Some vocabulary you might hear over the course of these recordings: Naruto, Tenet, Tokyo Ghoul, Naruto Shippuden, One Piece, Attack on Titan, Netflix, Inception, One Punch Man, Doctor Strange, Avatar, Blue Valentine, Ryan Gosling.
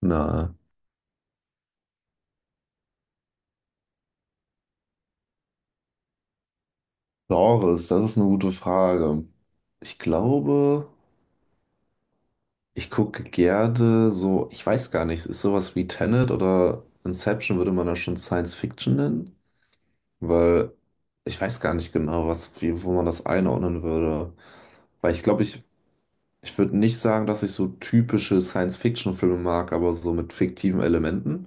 Na, Genres, das ist eine gute Frage. Ich glaube, ich gucke gerne so, ich weiß gar nicht, ist sowas wie Tenet oder Inception würde man da schon Science Fiction nennen? Weil ich weiß gar nicht genau, was, wie, wo man das einordnen würde. Weil ich glaube, ich würde nicht sagen, dass ich so typische Science Fiction Filme mag, aber so mit fiktiven Elementen.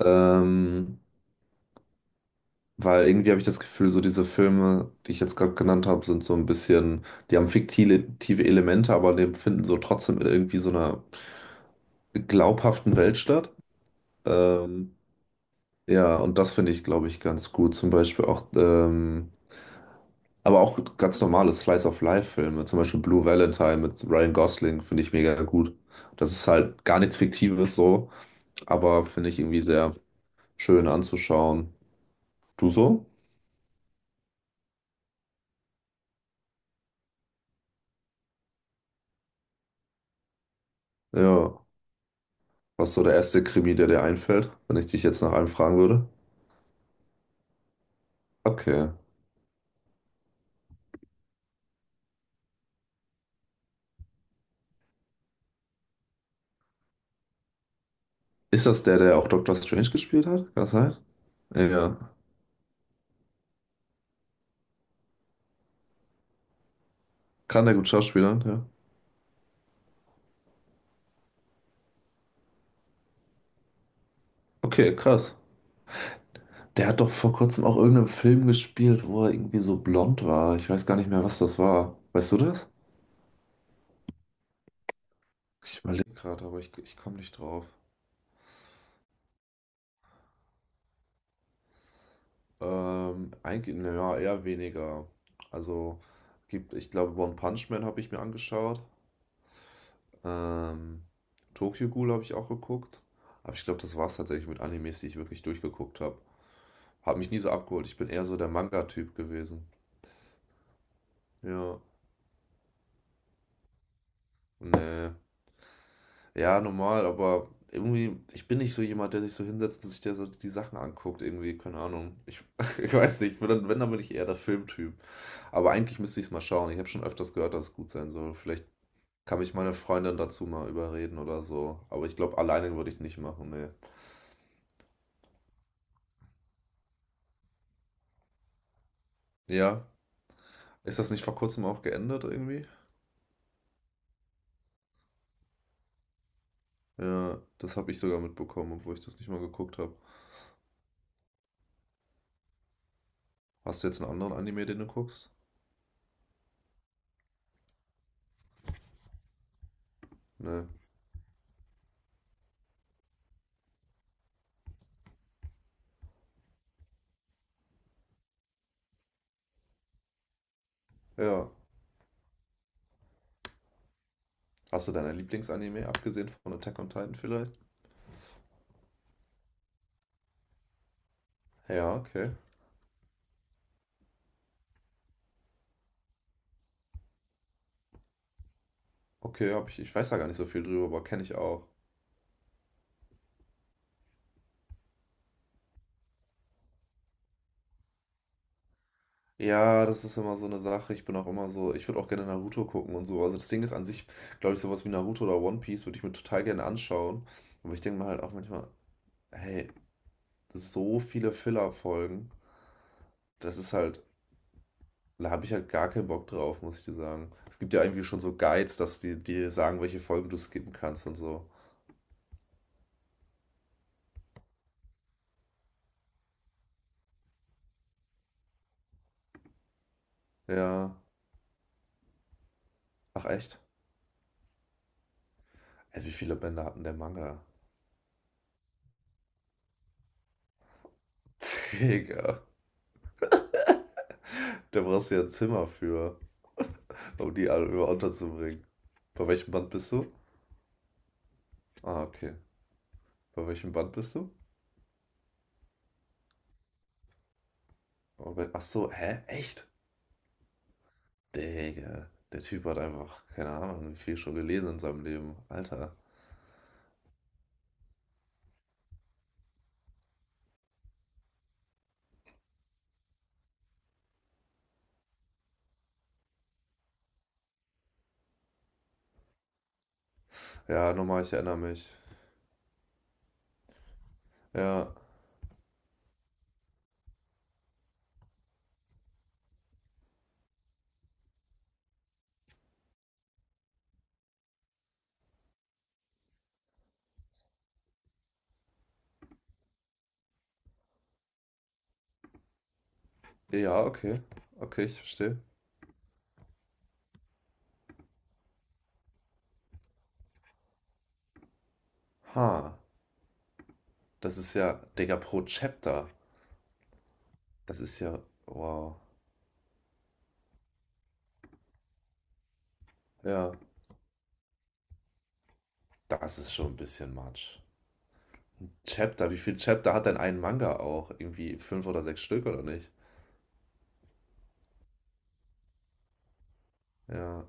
Ähm, Weil irgendwie habe ich das Gefühl, so diese Filme, die ich jetzt gerade genannt habe, sind so ein bisschen, die haben fiktive Elemente, aber die finden so trotzdem in irgendwie so einer glaubhaften Welt statt. Ähm, ja, und das finde ich, glaube ich, ganz gut. Zum Beispiel auch, aber auch ganz normale Slice of Life-Filme, zum Beispiel Blue Valentine mit Ryan Gosling, finde ich mega gut. Das ist halt gar nichts Fiktives so, aber finde ich irgendwie sehr schön anzuschauen. Du so? Ja. Was ist so der erste Krimi, der dir einfällt, wenn ich dich jetzt nach einem fragen würde? Okay. Ist das der, der auch Doctor Strange gespielt hat? Kann das sein? Ja. Kann der gut schauspielern? Ja. Okay, krass. Der hat doch vor kurzem auch irgendeinen Film gespielt, wo er irgendwie so blond war. Ich weiß gar nicht mehr, was das war. Weißt du das? Ich überlege gerade, aber ich komme nicht drauf. Eigentlich, naja, eher weniger. Also, ich glaube, One Punch Man habe ich mir angeschaut. Ähm, Tokyo Ghoul habe ich auch geguckt. Aber ich glaube, das war es tatsächlich mit Animes, die ich wirklich durchgeguckt habe. Hat mich nie so abgeholt. Ich bin eher so der Manga-Typ gewesen. Ja, nee. Ja, normal, aber irgendwie, ich bin nicht so jemand, der sich so hinsetzt und sich der, so die Sachen anguckt. Irgendwie, keine Ahnung. Ich, ich weiß nicht. Ich bin dann, wenn, dann bin ich eher der Filmtyp. Aber eigentlich müsste ich es mal schauen. Ich habe schon öfters gehört, dass es gut sein soll. Vielleicht kann mich meine Freundin dazu mal überreden oder so. Aber ich glaube, alleine würde ich es nicht machen, nee. Ja. Ist das nicht vor kurzem auch geändert irgendwie? Ja, das habe ich sogar mitbekommen, obwohl ich das nicht mal geguckt habe. Hast du jetzt einen anderen Anime, den du guckst? Ne. Ja. Hast du deine Lieblingsanime, abgesehen von Attack on Titan vielleicht? Ja, okay. Okay, hab ich, ich weiß da gar nicht so viel drüber, aber kenne ich auch. Ja, das ist immer so eine Sache. Ich bin auch immer so, ich würde auch gerne Naruto gucken und so. Also das Ding ist an sich, glaube ich, sowas wie Naruto oder One Piece würde ich mir total gerne anschauen. Aber ich denke mir halt auch manchmal, hey, so viele Filler-Folgen. Das ist halt, da habe ich halt gar keinen Bock drauf, muss ich dir sagen. Es gibt ja irgendwie schon so Guides, dass die dir sagen, welche Folgen du skippen kannst und so. Ja. Ach echt? Ey, wie viele Bände hat denn der Manga? Digga. Da brauchst du ja ein Zimmer für, um die alle über unterzubringen. Bei welchem Band bist du? Ah, okay. Bei welchem Band bist du? Oh, bei- Ach so, hä? Echt? Digga. Der Typ hat einfach, keine Ahnung, wie viel schon gelesen in seinem Leben. Alter. Ja, nochmal, ich erinnere mich. Ja. Ja, okay. Okay, ich verstehe. Ha. Das ist ja, Digga, pro Chapter. Das ist ja, wow. Ja, das ist schon ein bisschen much. Chapter, wie viel Chapter hat denn ein Manga auch? Irgendwie fünf oder sechs Stück oder nicht? Ja,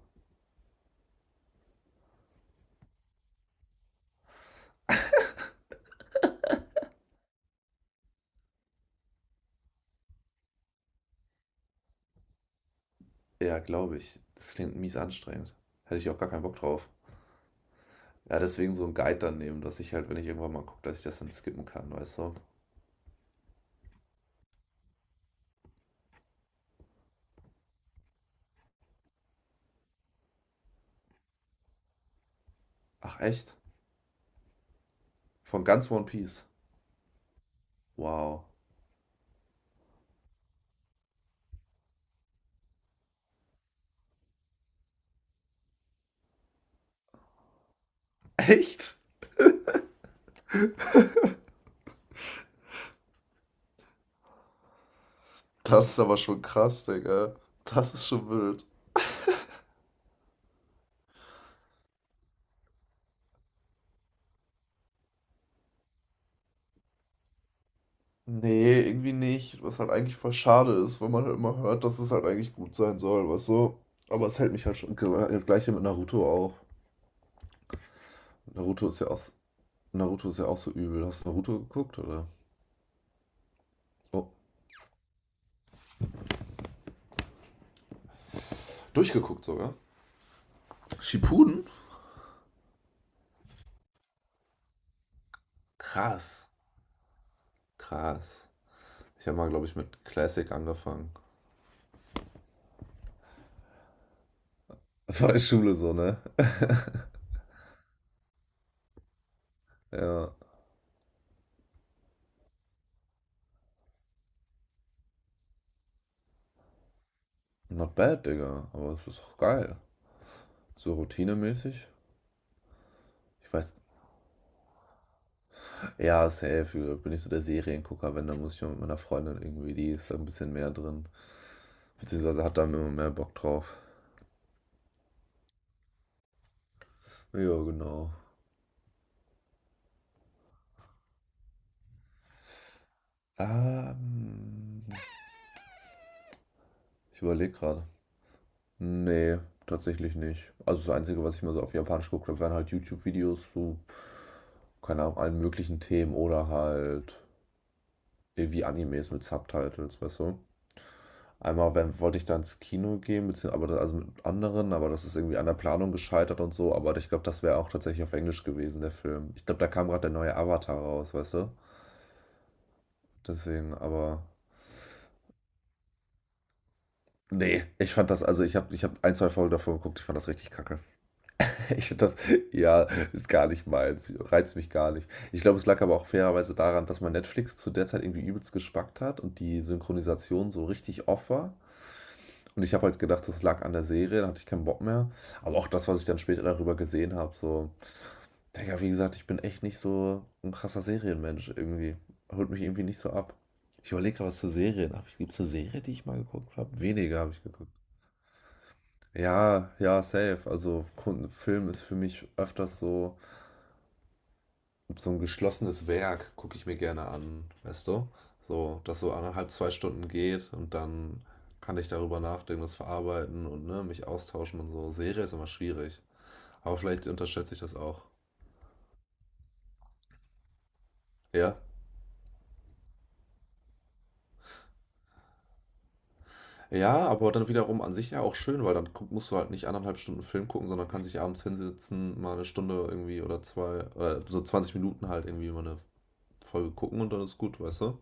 ja, glaube ich. Das klingt mies anstrengend. Hätte ich auch gar keinen Bock drauf. Ja, deswegen so einen Guide dann nehmen, dass ich halt, wenn ich irgendwann mal gucke, dass ich das dann skippen kann, weißt du? Ach, echt? Von ganz One Piece. Wow. Echt? Das ist aber schon krass, Digga. Das ist schon wild. Nee, irgendwie nicht, was halt eigentlich voll schade ist, weil man halt immer hört, dass es halt eigentlich gut sein soll, weißt du? Aber es hält mich halt schon, gleiche mit Naruto auch. Naruto ist ja auch, Naruto ist ja auch so übel. Hast du Naruto geguckt, oder? Oh, durchgeguckt sogar. Shippuden? Krass, krass. Ich habe mal, glaube ich, mit Classic angefangen. War in Schule so, ne? Ja, not bad, Digga, aber es ist auch geil. So routinemäßig. Ich weiß, ja, safe. Ich bin nicht so der Seriengucker, wenn, dann muss ich mal mit meiner Freundin irgendwie, die ist da ein bisschen mehr drin. Beziehungsweise hat da immer mehr Bock drauf. Ja, genau. Ähm, Ich überlege gerade. Nee, tatsächlich nicht. Also das Einzige, was ich mal so auf Japanisch geguckt habe, wären halt YouTube-Videos zu, keine Ahnung, allen möglichen Themen oder halt irgendwie Animes mit Subtitles, weißt du? Einmal wenn, wollte ich da ins Kino gehen, bezieh aber da also mit anderen, aber das ist irgendwie an der Planung gescheitert und so. Aber ich glaube, das wäre auch tatsächlich auf Englisch gewesen, der Film. Ich glaube, da kam gerade der neue Avatar raus, weißt du? Deswegen, aber. Nee, ich fand das, also ich hab ein, zwei Folgen davon geguckt, ich fand das richtig kacke. Ich finde das, ja, ist gar nicht meins, reizt mich gar nicht. Ich glaube, es lag aber auch fairerweise daran, dass man Netflix zu der Zeit irgendwie übelst gespackt hat und die Synchronisation so richtig off war. Und ich habe halt gedacht, das lag an der Serie, da hatte ich keinen Bock mehr. Aber auch das, was ich dann später darüber gesehen habe, so, Digga, wie gesagt, ich bin echt nicht so ein krasser Serienmensch irgendwie. Holt mich irgendwie nicht so ab. Ich überlege gerade, was für Serien habe ich. Gibt es eine Serie, die ich mal geguckt habe? Weniger habe ich geguckt. Ja, ja, safe. Also Film ist für mich öfters so so ein geschlossenes Werk gucke ich mir gerne an, weißt du? So, das so anderthalb, 2 Stunden geht und dann kann ich darüber nachdenken, das verarbeiten und ne, mich austauschen und so. Serie ist immer schwierig. Aber vielleicht unterschätze ich das auch. Ja. Ja, aber dann wiederum an sich ja auch schön, weil dann guck, musst du halt nicht anderthalb Stunden Film gucken, sondern kannst dich abends hinsetzen, mal eine Stunde irgendwie oder zwei, oder so 20 Minuten halt irgendwie mal eine Folge gucken und dann ist gut, weißt du?